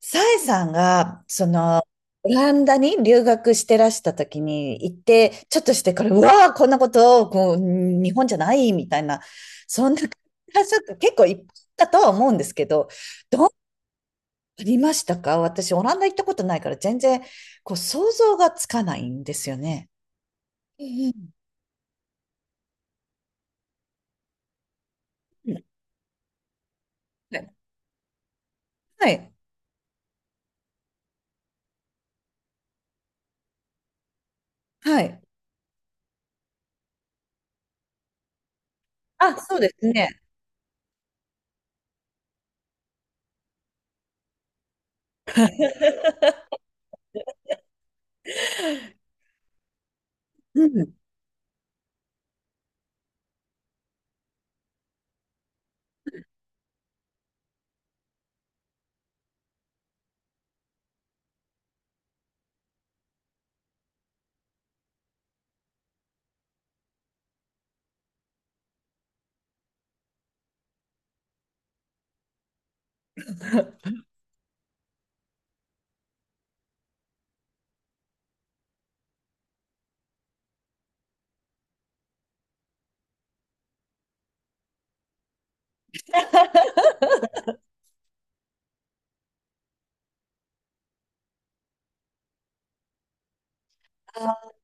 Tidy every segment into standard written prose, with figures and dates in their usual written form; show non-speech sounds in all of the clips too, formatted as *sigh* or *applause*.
さえさんが、オランダに留学してらした時に行って、ちょっとしてから、うわあ、こんなこと、日本じゃないみたいな、そんな感じがちょっと結構いっぱいあったとは思うんですけど、どうありましたか？私、オランダ行ったことないから、全然、こう、想像がつかないんですよね。うんうんうんはい。はい。あ、そうですね。うん。*laughs* あ、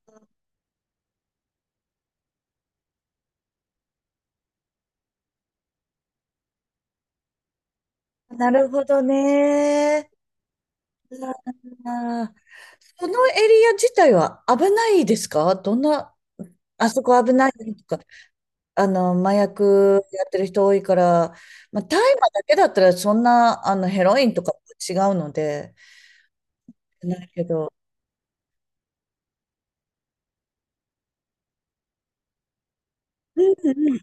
なるほどね。あー、そのエリア自体は危ないですか？どんな、あそこ危ないよとか、あの、麻薬やってる人多いから、まあ、大麻だけだったらそんな、あの、ヘロインとか違うので、ないけど、うんうん、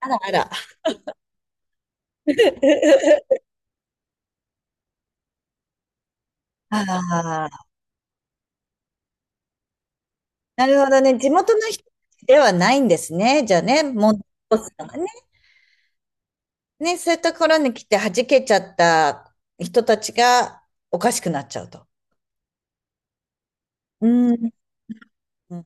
あらあら。*laughs* ああ、なるほどね。地元の人ではないんですね。じゃあね、もう、ね、ね、そういったところに来て弾けちゃった人たちがおかしくなっちゃうと。うん。あ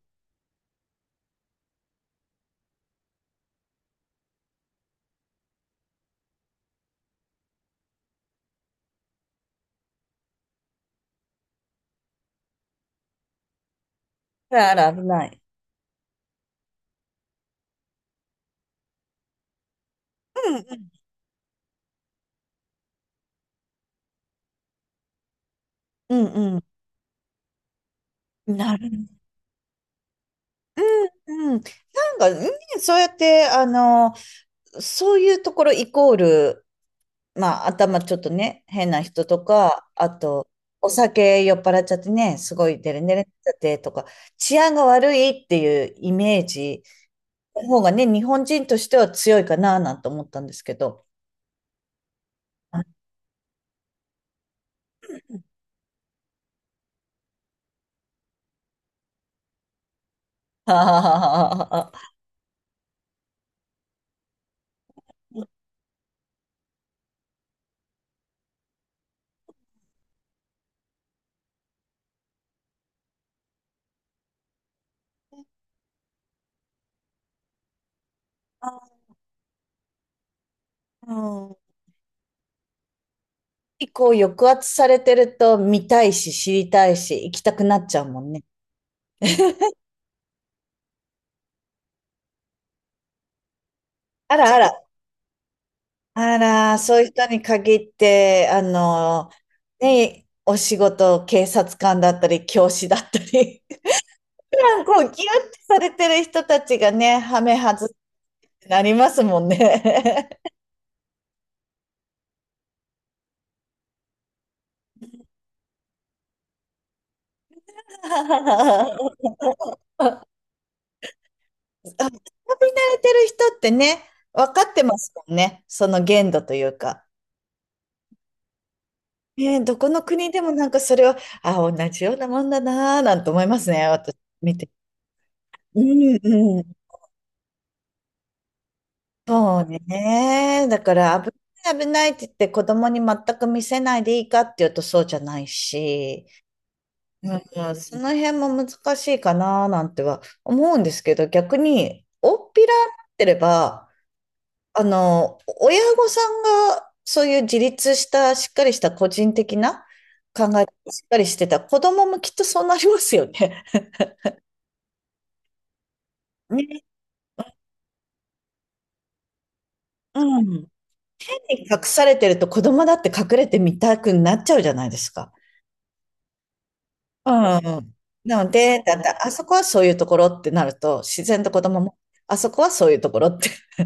らあら、危ない。うんうんうん。なる。うん。なんか、ね、そうやって、あの、そういうところイコール、まあ、頭ちょっとね、変な人とか、あと、お酒酔っ払っちゃってね、すごいデレデレになっちゃってとか、治安が悪いっていうイメージの方がね、日本人としては強いかな、なんて思ったんですけど。*laughs* あー、うん、結構抑圧されてると見たいし知りたいし行きたくなっちゃうもんね。あらあら、あら、そういう人に限って、あの、ね、お仕事、警察官だったり、教師だったり、*laughs* 普段こう、ギュッてされてる人たちがね、ハメ外ってなりますもんね。*laughs* あ、遊び慣れてる人ってね、分かってますもんね、その限度というか。ね、どこの国でもなんかそれは、あ、同じようなもんだなぁ、なんて思いますね、私見て。うん、うん。そうね。だから危ない危ないって言って子供に全く見せないでいいかっていうとそうじゃないし、うん、その辺も難しいかななんては思うんですけど、逆に大っぴらになってれば、あの、親御さんがそういう自立したしっかりした個人的な考え方しっかりしてた子供もきっとそうなりますよね。*laughs* ね。うん。*laughs* 隠されてると子供だって隠れてみたくなっちゃうじゃないですか。うん。なので、だってあそこはそういうところってなると、自然と子供も、あそこはそういうところって。*laughs*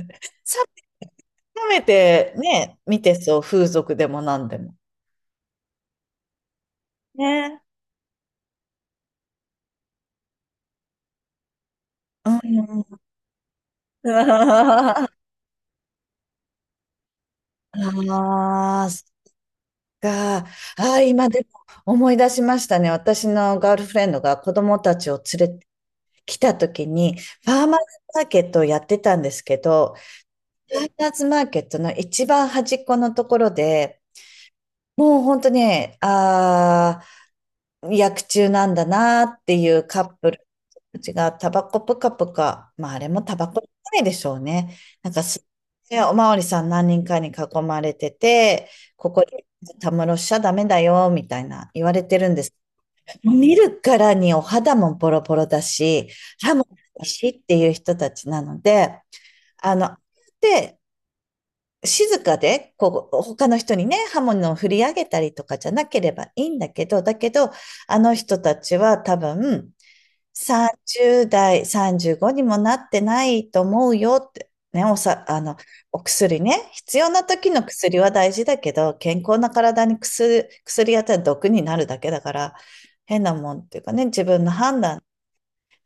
褒めてね、見てそう、風俗でも何でも。ね。うん。ああ、そっか。ああ、今でも思い出しましたね。私のガールフレンドが子供たちを連れてきた時に、ファーマーズマーケットをやってたんですけど、ファーマーズマーケットの一番端っこのところで、もう本当にね、あ、薬中なんだなっていうカップルたちがタバコぷかぷか、まああれもタバコじゃないでしょうね。なんかす、ね、おまわりさん何人かに囲まれてて、ここでたむろしちゃダメだよ、みたいな言われてるんです。見るからにお肌もボロボロだし、歯もおかしいっていう人たちなので、あの、で、静かで、こう、他の人にね、刃物を振り上げたりとかじゃなければいいんだけど、だけど、あの人たちは多分、30代、35にもなってないと思うよって、ね、あの、お薬ね、必要な時の薬は大事だけど、健康な体に薬やったら毒になるだけだから、変なもんっていうかね、自分の判断、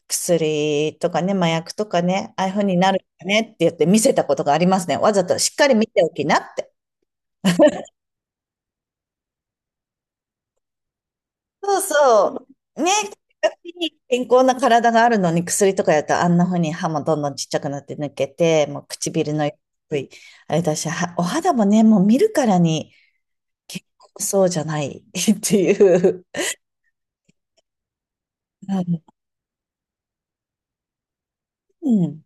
薬とかね、麻薬とかね、ああいう風になるよねって言って見せたことがありますね。わざとしっかり見ておきなって。そうそう。ね、健康な体があるのに薬とかやったらあんな風に歯もどんどんちっちゃくなって抜けて、もう唇の色い、あれだし、はお肌もね、もう見るからに健康そうじゃない *laughs* っていう。うん。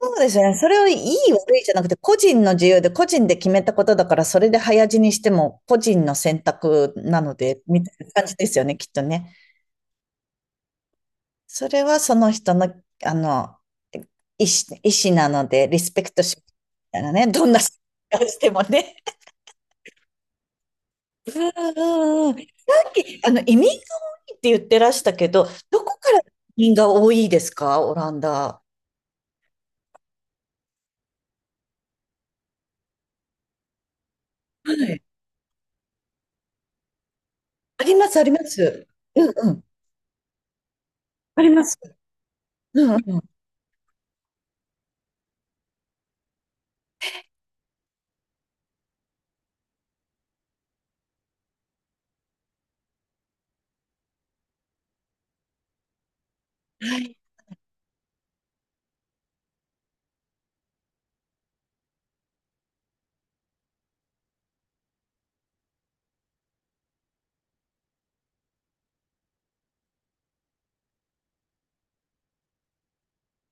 そうですね。それをいい悪いじゃなくて、個人の自由で個人で決めたことだから、それで早死にしても個人の選択なので、みたいな感じですよね、きっとね。それはその人の、あの、意思なので、リスペクトしながらね、どんな人をしてもね。うんうんうん。さっき、あの、移民が多いって言ってらしたけど、どこから移民が多いですか？オランダ。はい。あります、あります。うんうん。あります。うんうん。はい。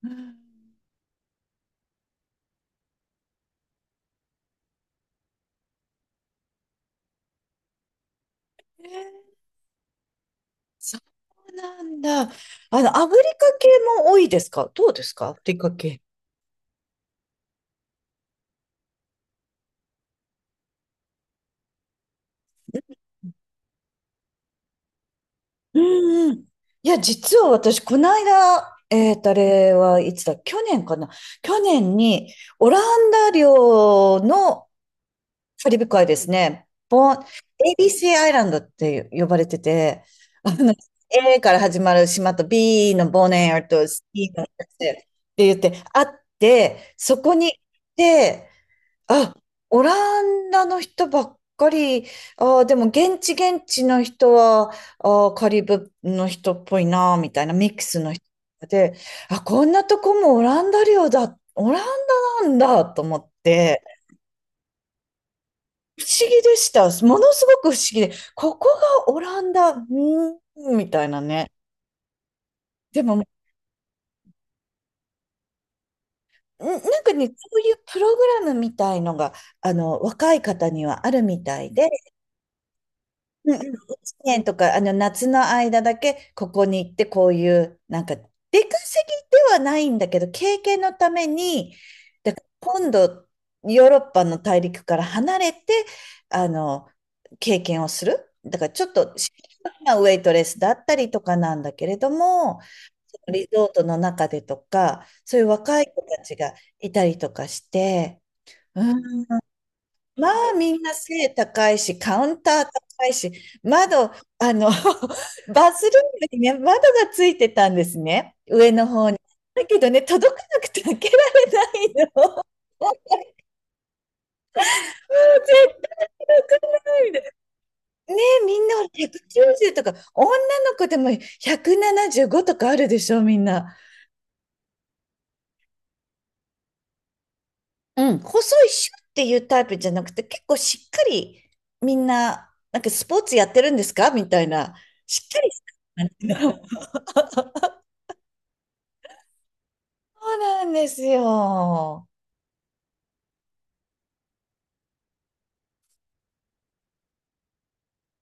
うん、えー、そうなんだ。あの、アフリカ系も多いですか？どうですか？アフリカ系。うんうん。いや、実は私、この間、あれはいつだ、去年かな。去年に、オランダ領のカリブ海ですね。ボン、ABC アイランドって呼ばれてて、あの、A から始まる島と B のボネアと C のって言って、あって、そこに行って、あ、オランダの人ばっかり、あーでも現地現地の人は、あーカリブの人っぽいな、みたいなミックスの人で、あ、こんなとこもオランダ領だ、オランダなんだと思って、不思議でした。ものすごく不思議で、ここがオランダ、うーん、みたいなね。でも、なんかね、そういうプログラムみたいのが、あの、若い方にはあるみたいで、うんうん、1年とか、あの、夏の間だけ、ここに行って、こういう、なんか、出稼ぎではないんだけど、経験のために、だから今度、ヨーロッパの大陸から離れて、あの、経験をする。だから、ちょっと、シンプルなウェイトレスだったりとかなんだけれども、リゾートの中でとか、そういう若い子たちがいたりとかして、うん、まあみんな背高いし、カウンター高いし、窓、あの、*laughs* バスルームにね、窓がついてたんですね、上の方に。だけどね、届かなくて開けられないの。*laughs* もう絶対届かないで。ねえ、みんな190とか、女の子でも175とかあるでしょ、みんな。うん、細いシュッっていうタイプじゃなくて、結構しっかりみんな、なんかスポーツやってるんですか、みたいな、しっかりした感じのそうなんですよ。